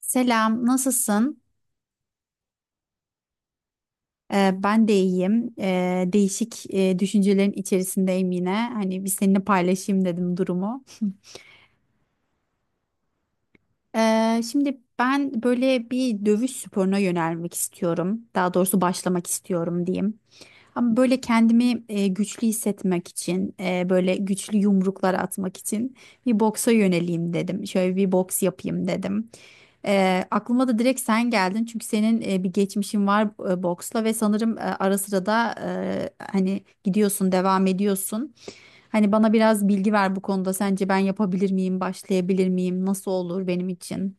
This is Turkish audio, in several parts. Selam, nasılsın? Ben de iyiyim. Değişik düşüncelerin içerisindeyim yine. Hani bir seninle paylaşayım dedim durumu. Şimdi ben böyle bir dövüş sporuna yönelmek istiyorum. Daha doğrusu başlamak istiyorum diyeyim. Ama böyle kendimi güçlü hissetmek için, böyle güçlü yumruklar atmak için bir boksa yöneleyim dedim. Şöyle bir boks yapayım dedim. Aklıma da direkt sen geldin çünkü senin bir geçmişin var boksla ve sanırım ara sıra da hani gidiyorsun, devam ediyorsun. Hani bana biraz bilgi ver bu konuda. Sence ben yapabilir miyim, başlayabilir miyim? Nasıl olur benim için?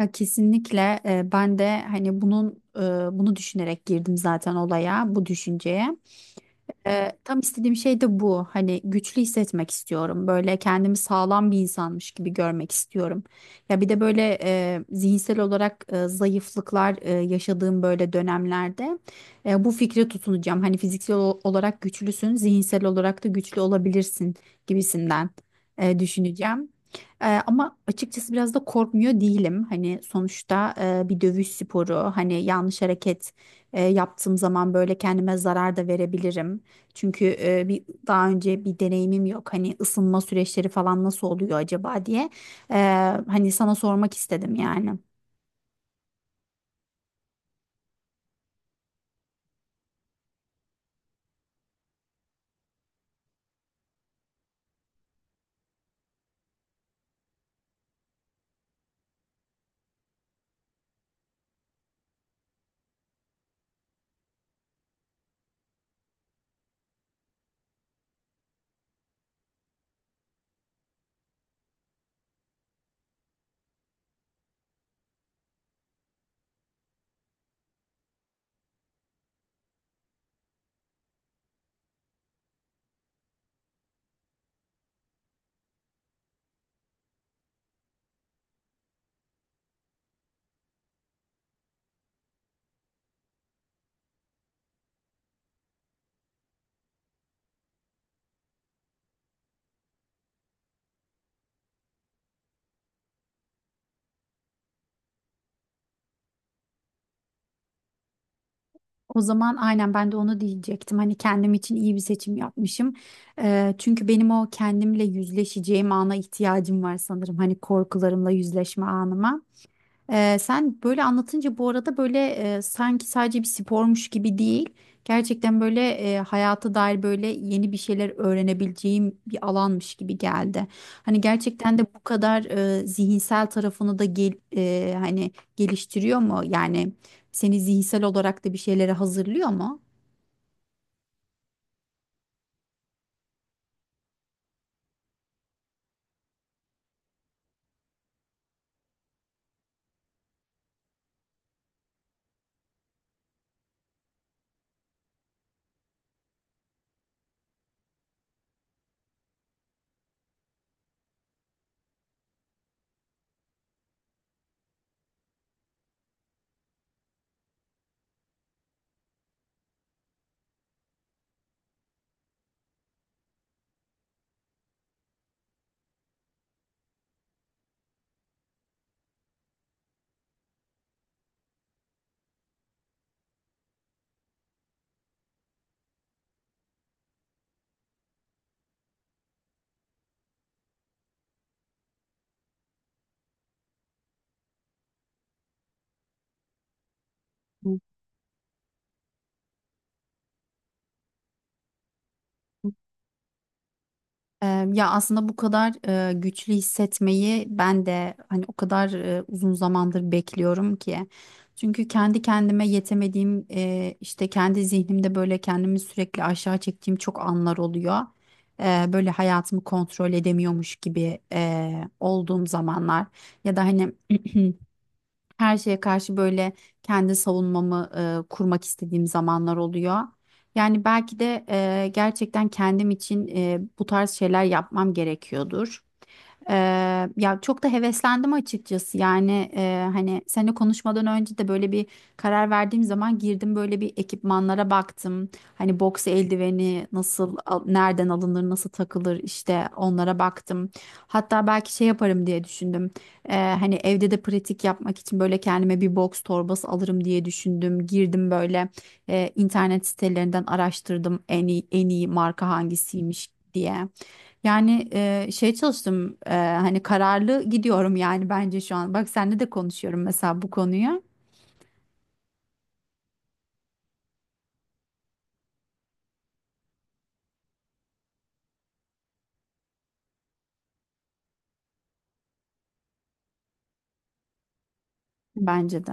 Ya kesinlikle ben de hani bunu düşünerek girdim zaten olaya, bu düşünceye. Tam istediğim şey de bu. Hani güçlü hissetmek istiyorum. Böyle kendimi sağlam bir insanmış gibi görmek istiyorum. Ya bir de böyle zihinsel olarak zayıflıklar yaşadığım böyle dönemlerde bu fikre tutunacağım. Hani fiziksel olarak güçlüsün, zihinsel olarak da güçlü olabilirsin gibisinden düşüneceğim. Ama açıkçası biraz da korkmuyor değilim. Hani sonuçta bir dövüş sporu, hani yanlış hareket yaptığım zaman böyle kendime zarar da verebilirim. Çünkü bir daha önce bir deneyimim yok. Hani ısınma süreçleri falan nasıl oluyor acaba diye. E, hani sana sormak istedim yani. O zaman aynen ben de onu diyecektim. Hani kendim için iyi bir seçim yapmışım. Çünkü benim o kendimle yüzleşeceğim ana ihtiyacım var sanırım. Hani korkularımla yüzleşme anıma. Sen böyle anlatınca bu arada böyle sanki sadece bir spormuş gibi değil. Gerçekten böyle hayata dair böyle yeni bir şeyler öğrenebileceğim bir alanmış gibi geldi. Hani gerçekten de bu kadar zihinsel tarafını da hani geliştiriyor mu? Yani seni zihinsel olarak da bir şeylere hazırlıyor mu? Ya aslında bu kadar güçlü hissetmeyi ben de hani o kadar uzun zamandır bekliyorum ki. Çünkü kendi kendime yetemediğim işte kendi zihnimde böyle kendimi sürekli aşağı çektiğim çok anlar oluyor. Böyle hayatımı kontrol edemiyormuş gibi olduğum zamanlar ya da hani her şeye karşı böyle kendi savunmamı kurmak istediğim zamanlar oluyor. Yani belki de gerçekten kendim için bu tarz şeyler yapmam gerekiyordur. Ya çok da heveslendim açıkçası yani hani seninle konuşmadan önce de böyle bir karar verdiğim zaman girdim böyle bir ekipmanlara baktım. Hani boks eldiveni nereden alınır, nasıl takılır, işte onlara baktım. Hatta belki şey yaparım diye düşündüm. Hani evde de pratik yapmak için böyle kendime bir boks torbası alırım diye düşündüm, girdim böyle internet sitelerinden araştırdım en iyi marka hangisiymiş diye. Yani şey çalıştım, hani kararlı gidiyorum yani bence şu an. Bak seninle de konuşuyorum mesela bu konuyu. Bence de.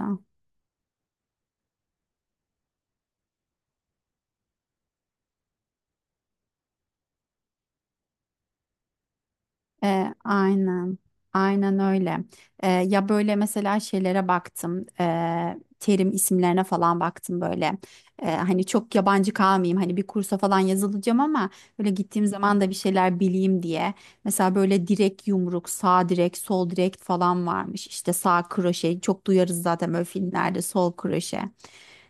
Aynen. Aynen öyle. Ya böyle mesela şeylere baktım. Terim isimlerine falan baktım böyle. Hani çok yabancı kalmayayım. Hani bir kursa falan yazılacağım ama böyle gittiğim zaman da bir şeyler bileyim diye. Mesela böyle direkt yumruk, sağ direkt, sol direkt falan varmış. İşte sağ kroşe. Çok duyarız zaten böyle filmlerde sol kroşe.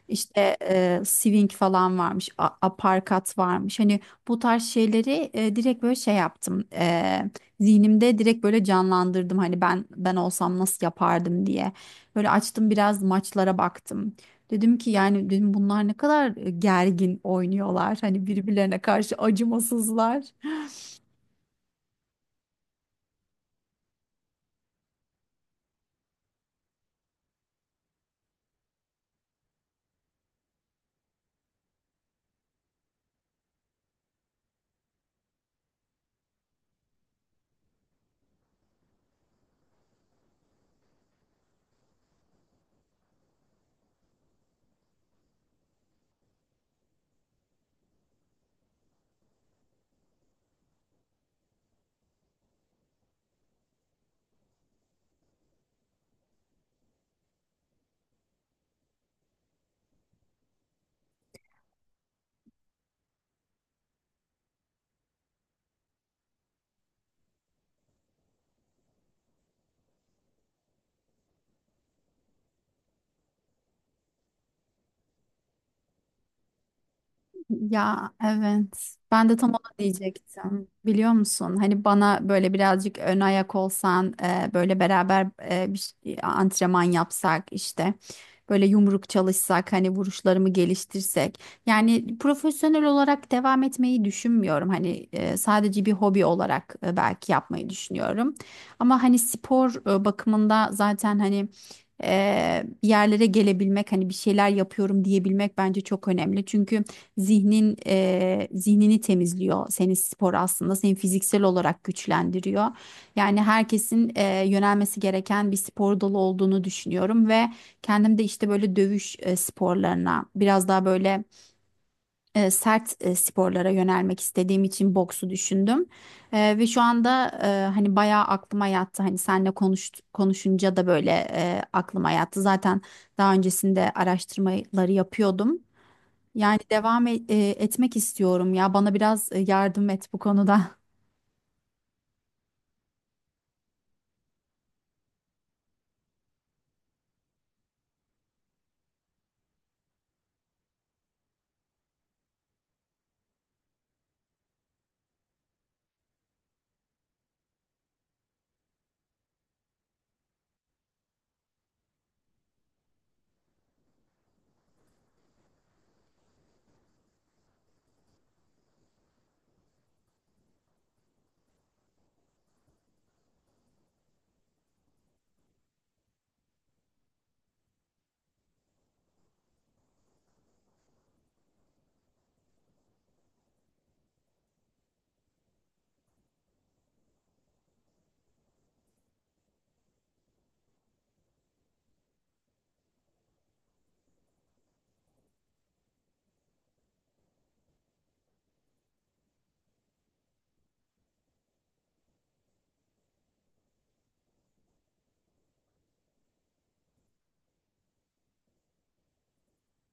İşte swing falan varmış, aparkat varmış. Hani bu tarz şeyleri direkt böyle şey yaptım. Zihnimde direkt böyle canlandırdım, hani ben olsam nasıl yapardım diye. Böyle açtım biraz maçlara baktım. Dedim ki yani, dedim bunlar ne kadar gergin oynuyorlar. Hani birbirlerine karşı acımasızlar. Ya, evet. Ben de tam onu diyecektim. Biliyor musun? Hani bana böyle birazcık ön ayak olsan, böyle beraber antrenman yapsak işte. Böyle yumruk çalışsak, hani vuruşlarımı geliştirsek. Yani profesyonel olarak devam etmeyi düşünmüyorum. Hani sadece bir hobi olarak belki yapmayı düşünüyorum. Ama hani spor bakımında zaten hani bir yerlere gelebilmek, hani bir şeyler yapıyorum diyebilmek bence çok önemli. Çünkü zihnini temizliyor senin spor, aslında seni fiziksel olarak güçlendiriyor. Yani herkesin yönelmesi gereken bir spor dalı olduğunu düşünüyorum ve kendim de işte böyle dövüş sporlarına biraz daha böyle sert sporlara yönelmek istediğim için boksu düşündüm. Ve şu anda hani bayağı aklıma yattı, hani konuşunca da böyle aklıma yattı zaten, daha öncesinde araştırmaları yapıyordum. Yani etmek istiyorum ya. Bana biraz yardım et bu konuda.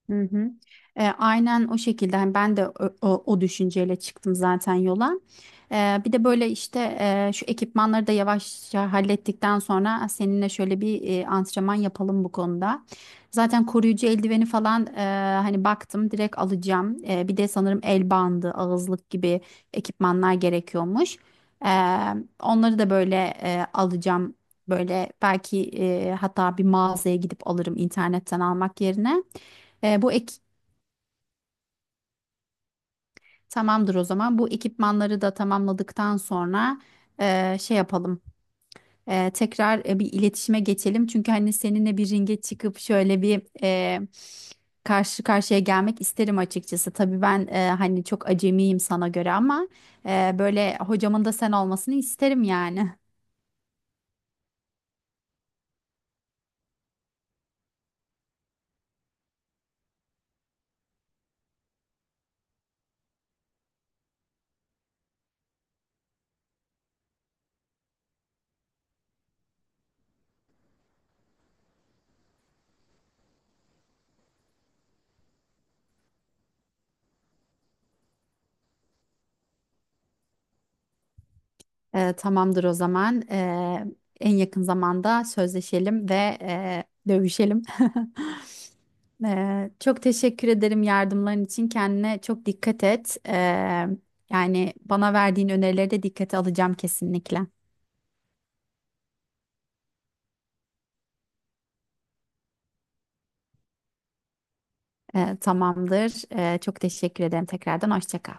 Hı hı. Aynen o şekilde hani ben de o düşünceyle çıktım zaten yola. Bir de böyle işte şu ekipmanları da yavaşça hallettikten sonra seninle şöyle bir antrenman yapalım bu konuda. Zaten koruyucu eldiveni falan hani baktım, direkt alacağım. Bir de sanırım el bandı, ağızlık gibi ekipmanlar gerekiyormuş. E, onları da böyle alacağım. Böyle belki hatta bir mağazaya gidip alırım internetten almak yerine. Bu ek— tamamdır o zaman. Bu ekipmanları da tamamladıktan sonra şey yapalım. Tekrar bir iletişime geçelim. Çünkü hani seninle bir ringe çıkıp şöyle bir karşı karşıya gelmek isterim açıkçası. Tabii ben hani çok acemiyim sana göre ama böyle hocamın da sen olmasını isterim yani. Tamamdır o zaman. En yakın zamanda sözleşelim ve dövüşelim. Çok teşekkür ederim yardımların için. Kendine çok dikkat et. Yani bana verdiğin önerileri de dikkate alacağım kesinlikle. Tamamdır. Çok teşekkür ederim tekrardan. Hoşça kal.